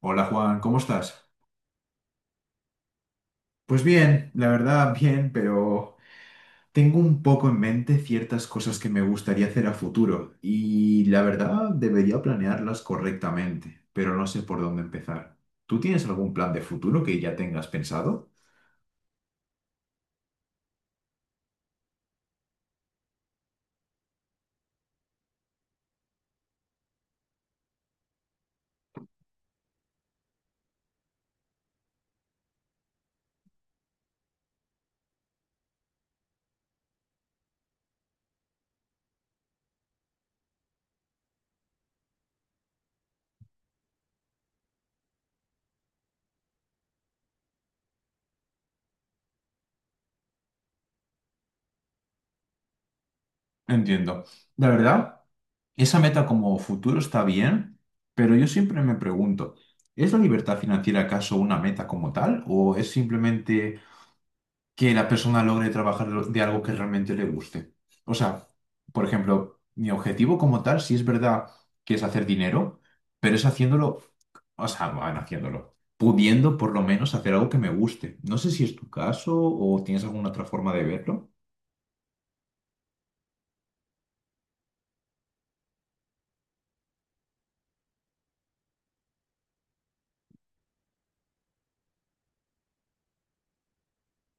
Hola Juan, ¿cómo estás? Pues bien, la verdad bien, pero tengo un poco en mente ciertas cosas que me gustaría hacer a futuro y la verdad debería planearlas correctamente, pero no sé por dónde empezar. ¿Tú tienes algún plan de futuro que ya tengas pensado? Entiendo. La verdad, esa meta como futuro está bien, pero yo siempre me pregunto, ¿es la libertad financiera acaso una meta como tal o es simplemente que la persona logre trabajar de algo que realmente le guste? O sea, por ejemplo, mi objetivo como tal, sí es verdad que es hacer dinero, pero es haciéndolo, o sea, van haciéndolo, pudiendo por lo menos hacer algo que me guste. No sé si es tu caso o tienes alguna otra forma de verlo.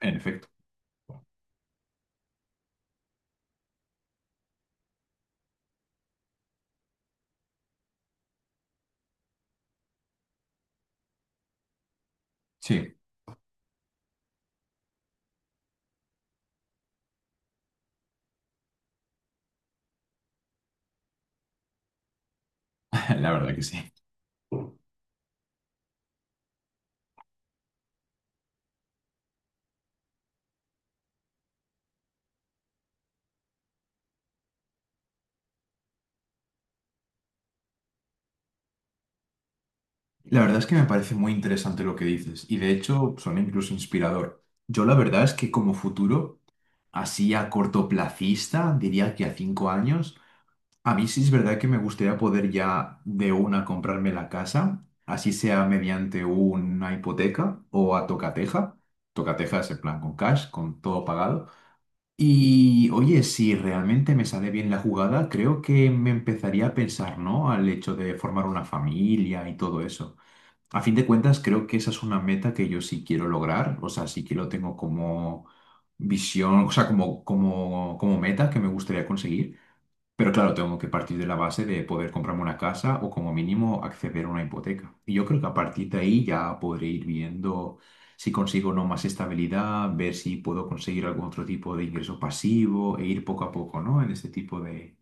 En efecto, sí, la verdad que sí. La verdad es que me parece muy interesante lo que dices y de hecho son incluso inspirador. Yo la verdad es que como futuro, así a cortoplacista, diría que a 5 años, a mí sí es verdad que me gustaría poder ya de una comprarme la casa, así sea mediante una hipoteca o a tocateja. Tocateja es en plan con cash, con todo pagado. Y oye, si realmente me sale bien la jugada, creo que me empezaría a pensar, ¿no?, al hecho de formar una familia y todo eso. A fin de cuentas, creo que esa es una meta que yo sí quiero lograr, o sea, sí que lo tengo como visión, o sea, como, como meta que me gustaría conseguir. Pero claro, tengo que partir de la base de poder comprarme una casa o como mínimo acceder a una hipoteca. Y yo creo que a partir de ahí ya podré ir viendo si consigo o no más estabilidad, ver si puedo conseguir algún otro tipo de ingreso pasivo e ir poco a poco, ¿no? En este tipo de,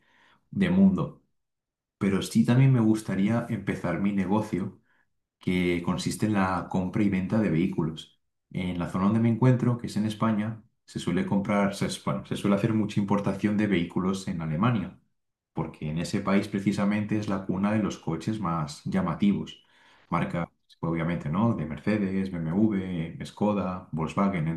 de mundo. Pero sí también me gustaría empezar mi negocio que consiste en la compra y venta de vehículos. En la zona donde me encuentro, que es en España, se suele comprar, se, bueno, se suele hacer mucha importación de vehículos en Alemania, porque en ese país precisamente es la cuna de los coches más llamativos. Marcas, obviamente, ¿no? De Mercedes, BMW, Skoda, Volkswagen,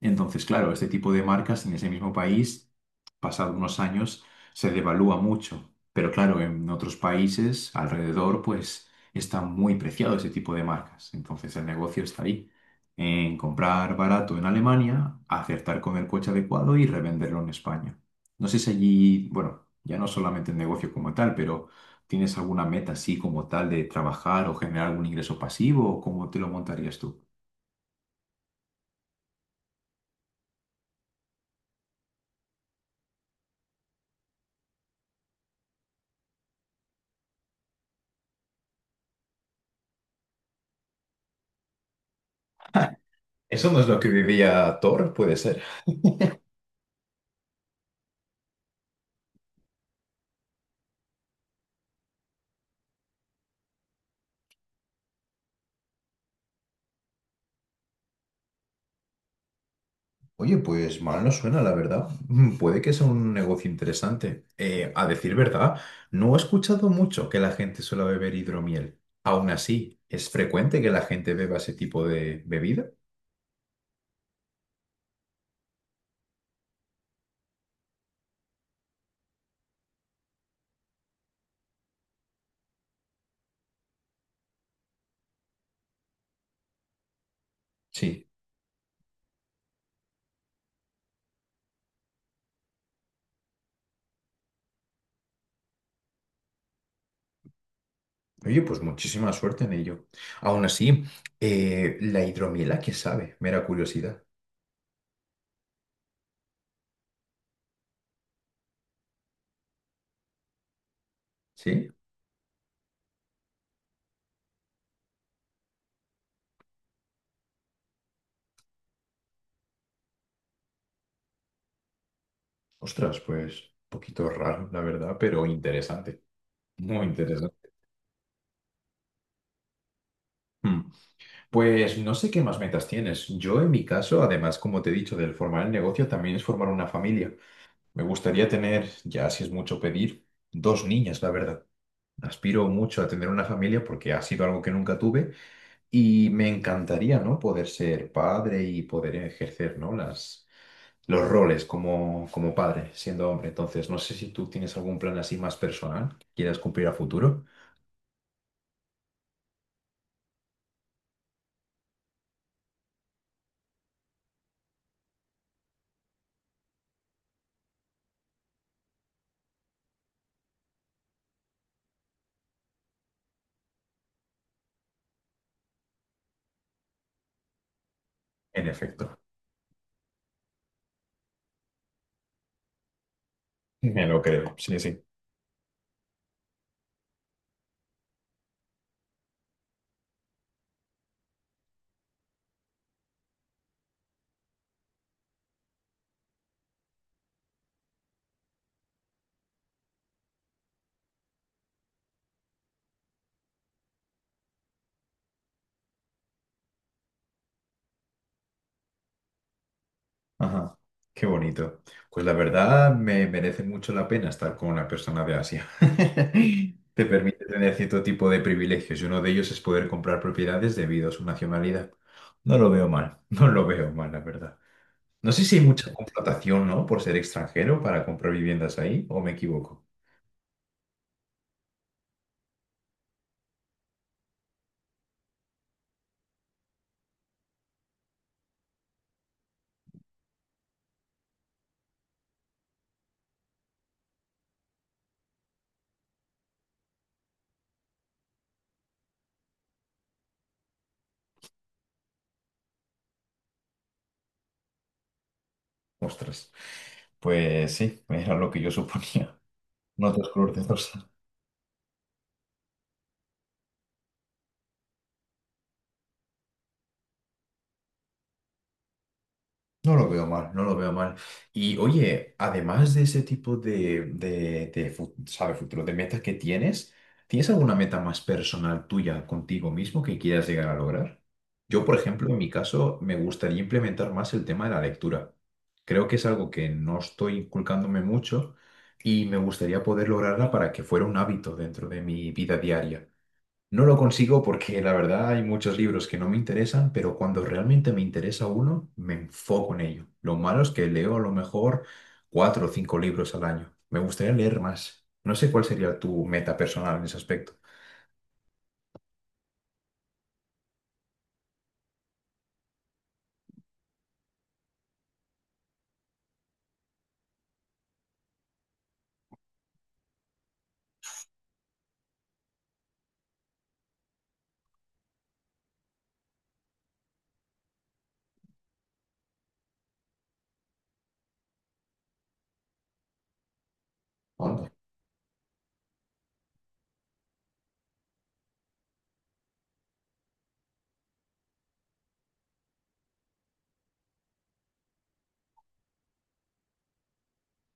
entonces, claro, este tipo de marcas en ese mismo país, pasado unos años, se devalúa mucho. Pero claro, en otros países alrededor, pues está muy preciado ese tipo de marcas. Entonces, el negocio está ahí, en comprar barato en Alemania, acertar con el coche adecuado y revenderlo en España. No sé si allí, bueno, ya no solamente el negocio como tal, pero ¿tienes alguna meta así como tal de trabajar o generar algún ingreso pasivo o cómo te lo montarías tú? ¿Eso no es lo que vivía Thor, puede ser? Oye, pues mal no suena, la verdad. Puede que sea un negocio interesante. A decir verdad, no he escuchado mucho que la gente suele beber hidromiel. Aún así, ¿es frecuente que la gente beba ese tipo de bebida? Sí. Oye, pues muchísima suerte en ello. Aún así, ¿la hidromiel a qué sabe? Mera curiosidad. ¿Sí? Ostras, pues un poquito raro, la verdad, pero interesante. Muy interesante. Mm. Pues no sé qué más metas tienes. Yo en mi caso, además, como te he dicho, del formar el negocio también es formar una familia. Me gustaría tener, ya si es mucho pedir, dos niñas, la verdad. Aspiro mucho a tener una familia porque ha sido algo que nunca tuve y me encantaría, ¿no?, poder ser padre y poder ejercer, ¿no?, las, los roles como, como padre, siendo hombre. Entonces, no sé si tú tienes algún plan así más personal que quieras cumplir a futuro. En efecto, me lo creo. Sí, sí. Ajá, qué bonito. Pues la verdad me merece mucho la pena estar con una persona de Asia. Te permite tener cierto tipo de privilegios y uno de ellos es poder comprar propiedades debido a su nacionalidad. No lo veo mal, no lo veo mal, la verdad. No sé si hay mucha contratación, ¿no?, por ser extranjero para comprar viviendas ahí, o me equivoco. Ostras, pues sí, era lo que yo suponía. No te escrúpulos. No lo veo mal, no lo veo mal. Y oye, además de ese tipo de ¿sabes? Futuro, de metas que tienes, ¿tienes alguna meta más personal tuya contigo mismo que quieras llegar a lograr? Yo, por ejemplo, en mi caso, me gustaría implementar más el tema de la lectura. Creo que es algo que no estoy inculcándome mucho y me gustaría poder lograrla para que fuera un hábito dentro de mi vida diaria. No lo consigo porque la verdad hay muchos libros que no me interesan, pero cuando realmente me interesa uno, me enfoco en ello. Lo malo es que leo a lo mejor 4 o 5 libros al año. Me gustaría leer más. No sé cuál sería tu meta personal en ese aspecto.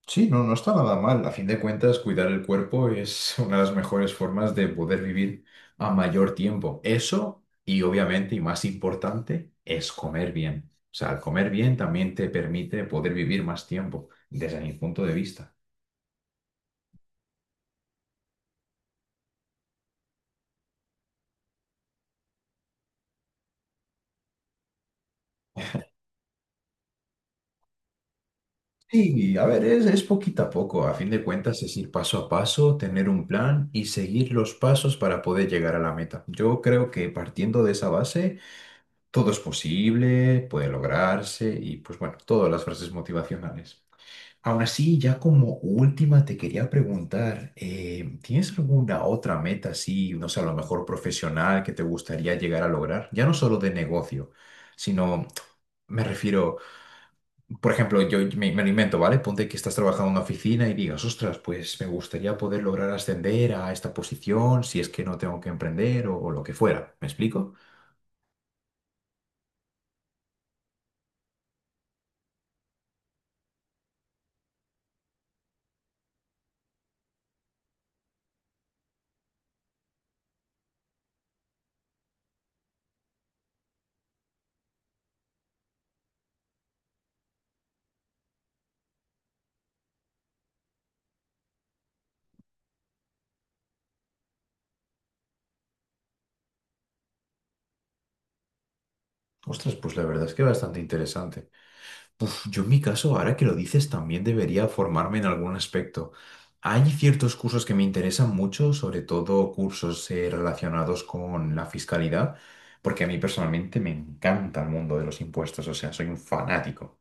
Sí, no, no está nada mal. A fin de cuentas, cuidar el cuerpo es una de las mejores formas de poder vivir a mayor tiempo. Eso, y obviamente, y más importante, es comer bien. O sea, al comer bien también te permite poder vivir más tiempo, desde mi punto de vista. Sí, a ver, es poquito a poco. A fin de cuentas, es ir paso a paso, tener un plan y seguir los pasos para poder llegar a la meta. Yo creo que partiendo de esa base todo es posible, puede lograrse y pues bueno, todas las frases motivacionales. Aún así, ya como última te quería preguntar, ¿tienes alguna otra meta así, no sé, a lo mejor profesional que te gustaría llegar a lograr? Ya no solo de negocio, sino me refiero, por ejemplo, yo me lo invento, ¿vale? Ponte que estás trabajando en una oficina y digas, ostras, pues me gustaría poder lograr ascender a esta posición si es que no tengo que emprender o lo que fuera. ¿Me explico? Ostras, pues la verdad es que bastante interesante. Uf, yo en mi caso, ahora que lo dices, también debería formarme en algún aspecto. Hay ciertos cursos que me interesan mucho, sobre todo cursos relacionados con la fiscalidad, porque a mí personalmente me encanta el mundo de los impuestos, o sea, soy un fanático.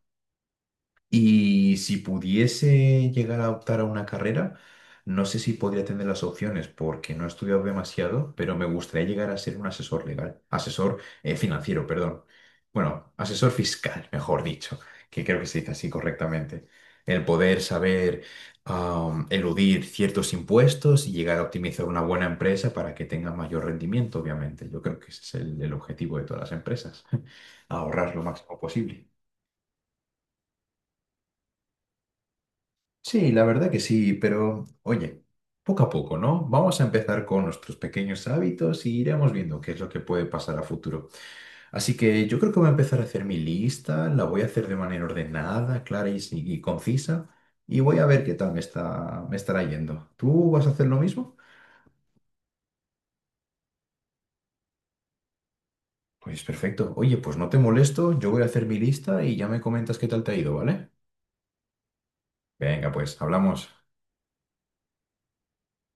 Y si pudiese llegar a optar a una carrera, no sé si podría tener las opciones porque no he estudiado demasiado, pero me gustaría llegar a ser un asesor legal, asesor financiero, perdón. Bueno, asesor fiscal, mejor dicho, que creo que se dice así correctamente. El poder saber eludir ciertos impuestos y llegar a optimizar una buena empresa para que tenga mayor rendimiento, obviamente. Yo creo que ese es el objetivo de todas las empresas, ahorrar lo máximo posible. Sí, la verdad que sí, pero oye, poco a poco, ¿no? Vamos a empezar con nuestros pequeños hábitos y iremos viendo qué es lo que puede pasar a futuro. Así que yo creo que voy a empezar a hacer mi lista, la voy a hacer de manera ordenada, clara y, y concisa, y voy a ver qué tal me estará yendo. ¿Tú vas a hacer lo mismo? Pues perfecto. Oye, pues no te molesto, yo voy a hacer mi lista y ya me comentas qué tal te ha ido, ¿vale? Venga, pues hablamos.